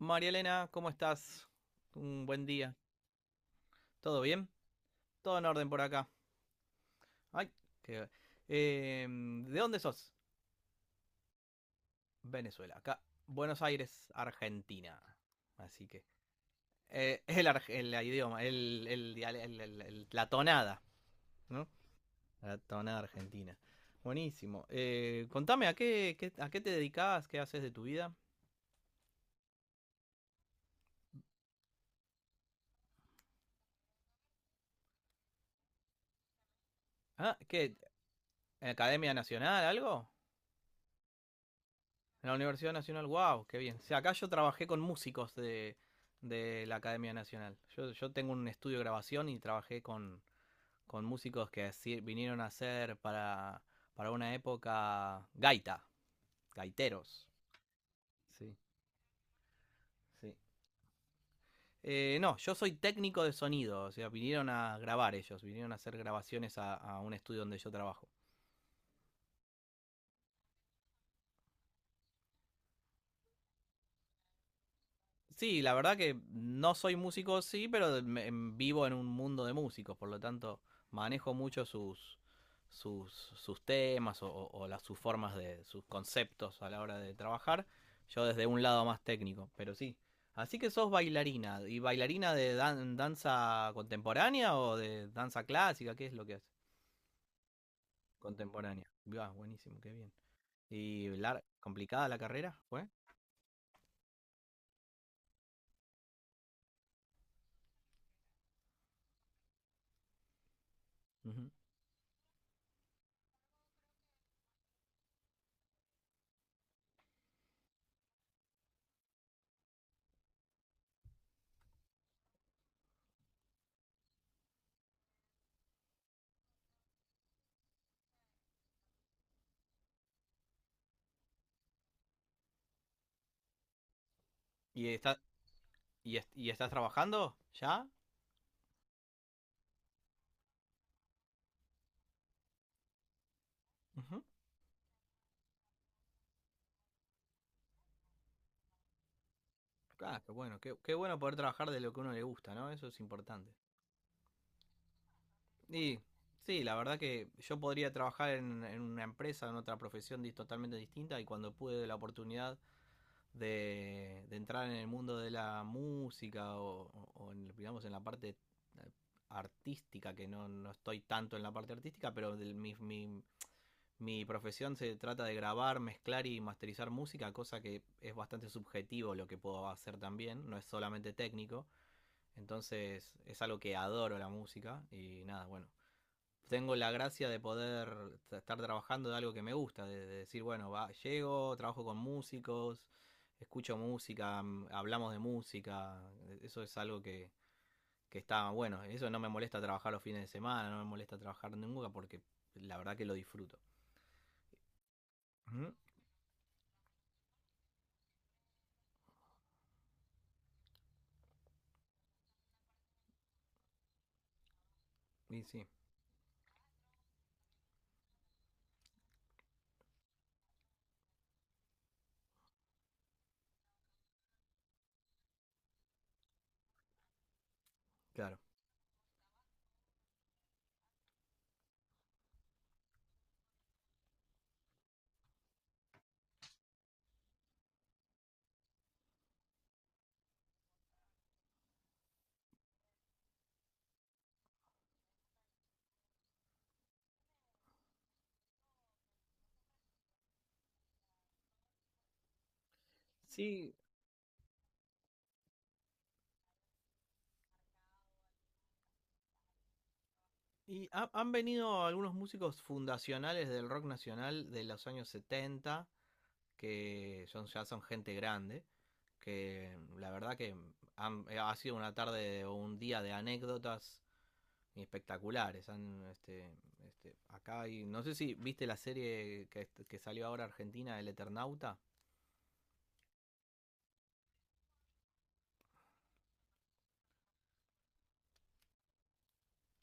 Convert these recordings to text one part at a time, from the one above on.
María Elena, ¿cómo estás? Un buen día. ¿Todo bien? Todo en orden por acá. Ay, qué... ¿De dónde sos? Venezuela, acá. Buenos Aires, Argentina. Así que... el, ar- El idioma, el diale- el- la tonada, ¿no? La tonada argentina. Buenísimo. Contame, ¿a qué te dedicas? ¿Qué haces de tu vida? Ah, ¿qué? ¿Academia Nacional, algo? En la Universidad Nacional, wow, qué bien. O sea, acá yo trabajé con músicos de la Academia Nacional. Yo tengo un estudio de grabación y trabajé con músicos que así vinieron a hacer para una época gaiteros. Sí, sí. No, yo soy técnico de sonido, o sea, vinieron a grabar ellos, vinieron a hacer grabaciones a un estudio donde yo trabajo. Sí, la verdad que no soy músico, sí, pero vivo en un mundo de músicos, por lo tanto manejo mucho sus temas o sus formas de sus conceptos a la hora de trabajar, yo desde un lado más técnico, pero sí. Así que sos bailarina, ¿y bailarina de danza contemporánea o de danza clásica? ¿Qué es lo que haces? Contemporánea. Ah, buenísimo, qué bien. ¿Y complicada la carrera fue? Ujú. ¿Y, está, y estás trabajando ya? Ah, qué bueno, qué bueno poder trabajar de lo que a uno le gusta, ¿no? Eso es importante. Y sí, la verdad que yo podría trabajar en una empresa, en otra profesión totalmente distinta, y cuando pude la oportunidad de entrar en el mundo de la música digamos, en la parte eh, artística, que no, no estoy tanto en la parte artística, pero mi profesión se trata de grabar, mezclar y masterizar música, cosa que es bastante subjetivo lo que puedo hacer también, no es solamente técnico. Entonces es algo que adoro la música y nada, bueno. Tengo la gracia de poder estar trabajando de algo que me gusta, de, decir, bueno, va, llego, trabajo con músicos, escucho música, hablamos de música. Eso es algo que está bueno, eso no me molesta trabajar los fines de semana, no me molesta trabajar nunca, porque la verdad que lo disfruto. Ujú. Y sí, claro. Sí, y han venido algunos músicos fundacionales del rock nacional de los años 70, ya son gente grande, que la verdad que ha sido una tarde o un día de anécdotas espectaculares. Acá hay, no sé si viste la serie que salió ahora argentina, El Eternauta.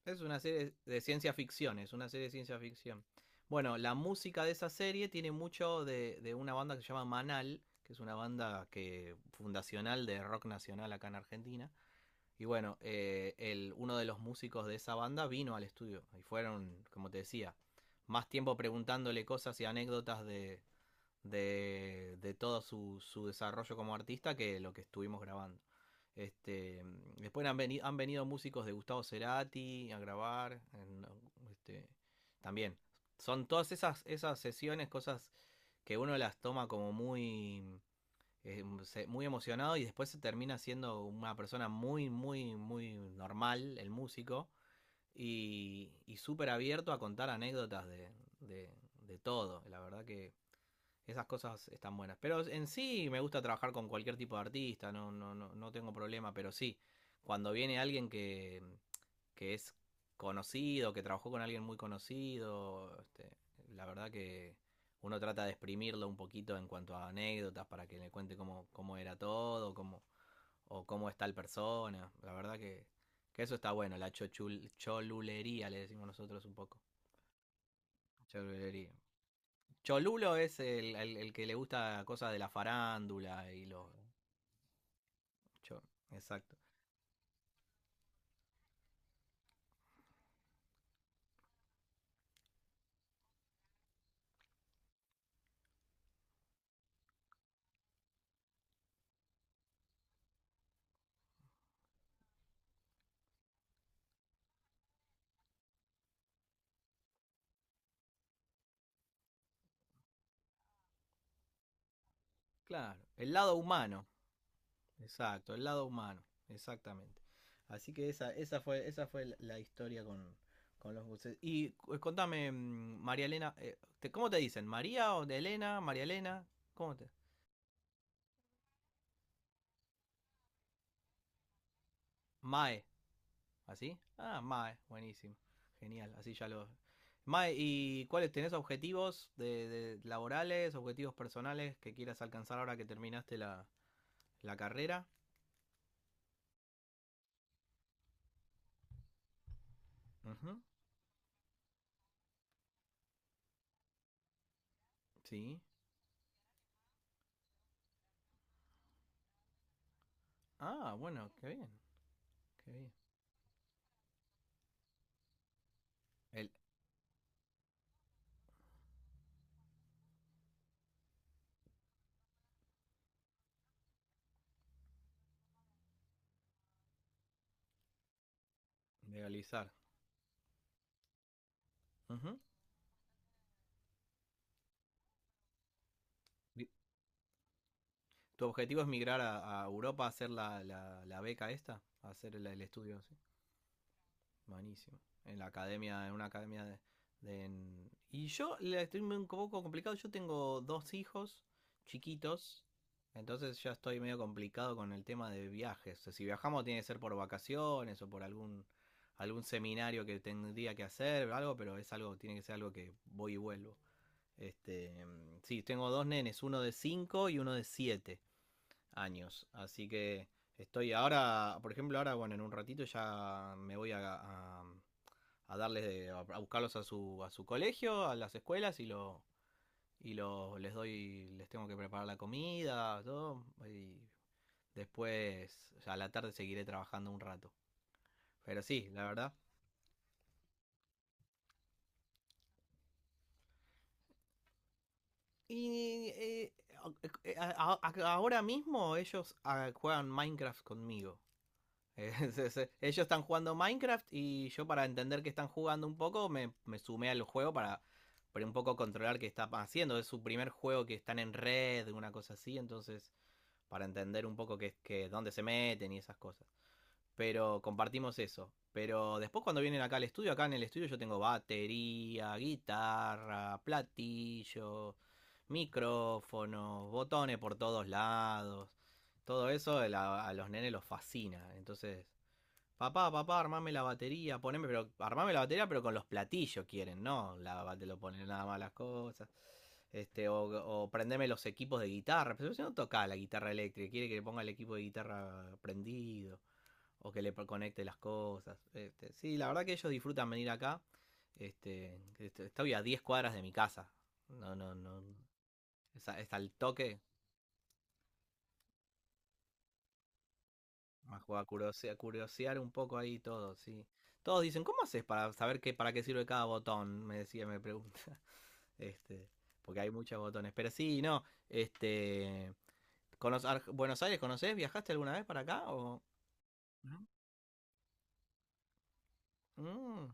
Es una serie de ciencia ficción, es una serie de ciencia ficción. Bueno, la música de esa serie tiene mucho de una banda que se llama Manal, que es una banda que fundacional de rock nacional acá en Argentina. Y bueno, uno de los músicos de esa banda vino al estudio y fueron, como te decía, más tiempo preguntándole cosas y anécdotas de todo su, desarrollo como artista que lo que estuvimos grabando. Este, después han venido músicos de Gustavo Cerati a grabar. Este, también son todas esas sesiones, cosas que uno las toma como muy eh, muy emocionado, y después se termina siendo una persona muy, muy, muy normal, el músico, y súper abierto a contar anécdotas de- de todo. La verdad que esas cosas están buenas. Pero en sí me gusta trabajar con cualquier tipo de artista, no, no, no, no tengo problema, pero sí, cuando viene alguien que es conocido, que trabajó con alguien muy conocido, este, la verdad que uno trata de exprimirlo un poquito en cuanto a anécdotas para que le cuente cómo era todo, cómo es tal persona. La verdad que eso está bueno, la cholulería, le decimos nosotros un poco. Cholulería. Cholulo es el que le gusta cosas de la farándula y los. Exacto. Claro. El lado humano. Exacto, el lado humano. Exactamente. Así que historia con los buses. Y contame, María Elena, ¿cómo te dicen? ¿María o de Elena? ¿María Elena? ¿Cómo te? Mae. ¿Así? Ah, Mae, buenísimo. Genial, así ya lo. Mae, ¿y cuáles tenés objetivos de laborales, objetivos personales que quieras alcanzar ahora que terminaste la carrera? Ujú. Sí. Ah, bueno, qué bien, qué bien. El legalizar. Ujú. Di- ¿Tu objetivo es migrar a Europa a hacer la beca esta? ¿A hacer el estudio? ¿Sí? Buenísimo. En la academia, en una academia de. Y yo le estoy un poco complicado. Yo tengo dos hijos chiquitos. Entonces ya estoy medio complicado con el tema de viajes. O sea, si viajamos tiene que ser por vacaciones o por algún seminario que tendría que hacer o algo, pero es algo, tiene que ser algo que voy y vuelvo. Este, mm, sí, tengo dos nenes, uno de 5 y uno de 7 años. Así que estoy ahora, por ejemplo, ahora, bueno, en un ratito ya me voy a darles, a buscarlos a a su colegio, a las escuelas, y les doy, les tengo que preparar la comida, todo. Y después, ya a la tarde seguiré trabajando un rato. Pero sí, la verdad. Y ahora mismo ellos juegan Minecraft conmigo. Ellos están jugando Minecraft, y yo para entender que están jugando, un poco me sumé al juego para un poco controlar qué están haciendo. Es su primer juego que están en red, una cosa así, entonces para entender un poco dónde se meten y esas cosas. Pero compartimos eso. Pero después cuando vienen acá al estudio, acá en el estudio yo tengo batería, guitarra, platillo, micrófonos, botones por todos lados. Todo eso a los nenes los fascina. Entonces, papá, papá, armame la batería, poneme, pero armame la batería, pero con los platillos, quieren, ¿no? La, te lo ponen nada más las cosas. Este, o prendeme los equipos de guitarra. Pero si no toca la guitarra eléctrica, quiere que le ponga el equipo de guitarra prendido, o que le conecte las cosas. Este, sí, la verdad que ellos disfrutan venir acá. Este, estoy a 10 cuadras de mi casa. No, no, no. Es al toque. Más juega a curiosear, curiosear un poco ahí todo, sí. Todos dicen, ¿cómo haces para saber para qué sirve cada botón? Me decía, me pregunta. Este, porque hay muchos botones. Pero sí, no, este... ¿Buenos Aires conoces? ¿Viajaste alguna vez para acá? ¿No? Mm.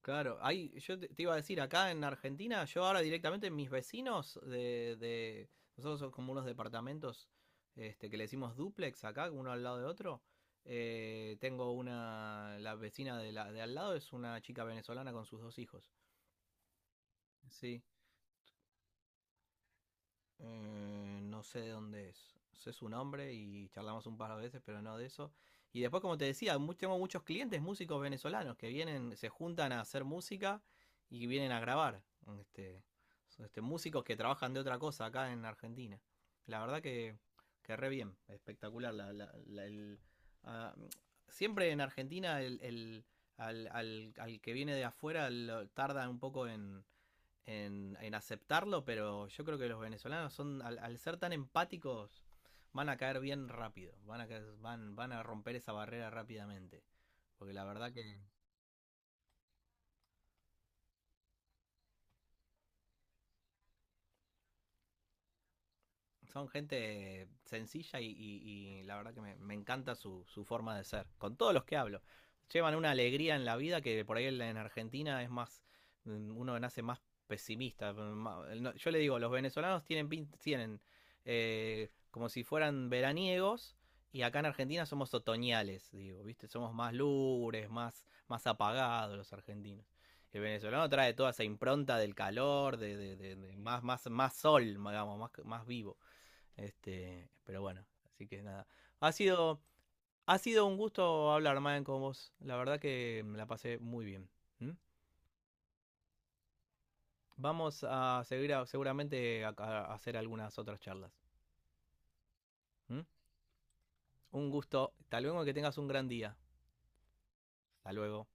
Claro, yo te iba a decir, acá en Argentina, yo ahora directamente mis vecinos nosotros somos como unos departamentos, este, que le decimos duplex acá, uno al lado de otro. Tengo la vecina de al lado es una chica venezolana con sus dos hijos. Sí. No sé de dónde es. Sé su nombre y charlamos un par de veces, pero no de eso. Y después, como te decía, tengo muchos clientes músicos venezolanos que vienen, se juntan a hacer música y vienen a grabar. Este, son, músicos que trabajan de otra cosa acá en Argentina. La verdad que re bien, espectacular. Ah, Siempre en Argentina al que viene de afuera tarda un poco en, aceptarlo, pero yo creo que los venezolanos son, al ser tan empáticos, van a caer bien rápido, van a romper esa barrera rápidamente. Porque la verdad que son gente sencilla y, la verdad que me encanta su forma de ser. Con todos los que hablo. Llevan una alegría en la vida que por ahí en Argentina es más, uno nace más pesimista. No, yo le digo, los venezolanos tienen, tienen como si fueran veraniegos, y acá en Argentina somos otoñales, digo, ¿viste? Somos más lures, más, más apagados los argentinos. El venezolano trae toda esa impronta del calor, de más, más, más sol, digamos, más, más vivo. Este, pero bueno, así que nada. Ha sido, ha sido un gusto hablar, Maen, con vos. La verdad que me la pasé muy bien. ¿Mm? Vamos a seguir seguramente a hacer algunas otras charlas. ¿Mm? Un gusto. Hasta luego, que tengas un gran día. Hasta luego.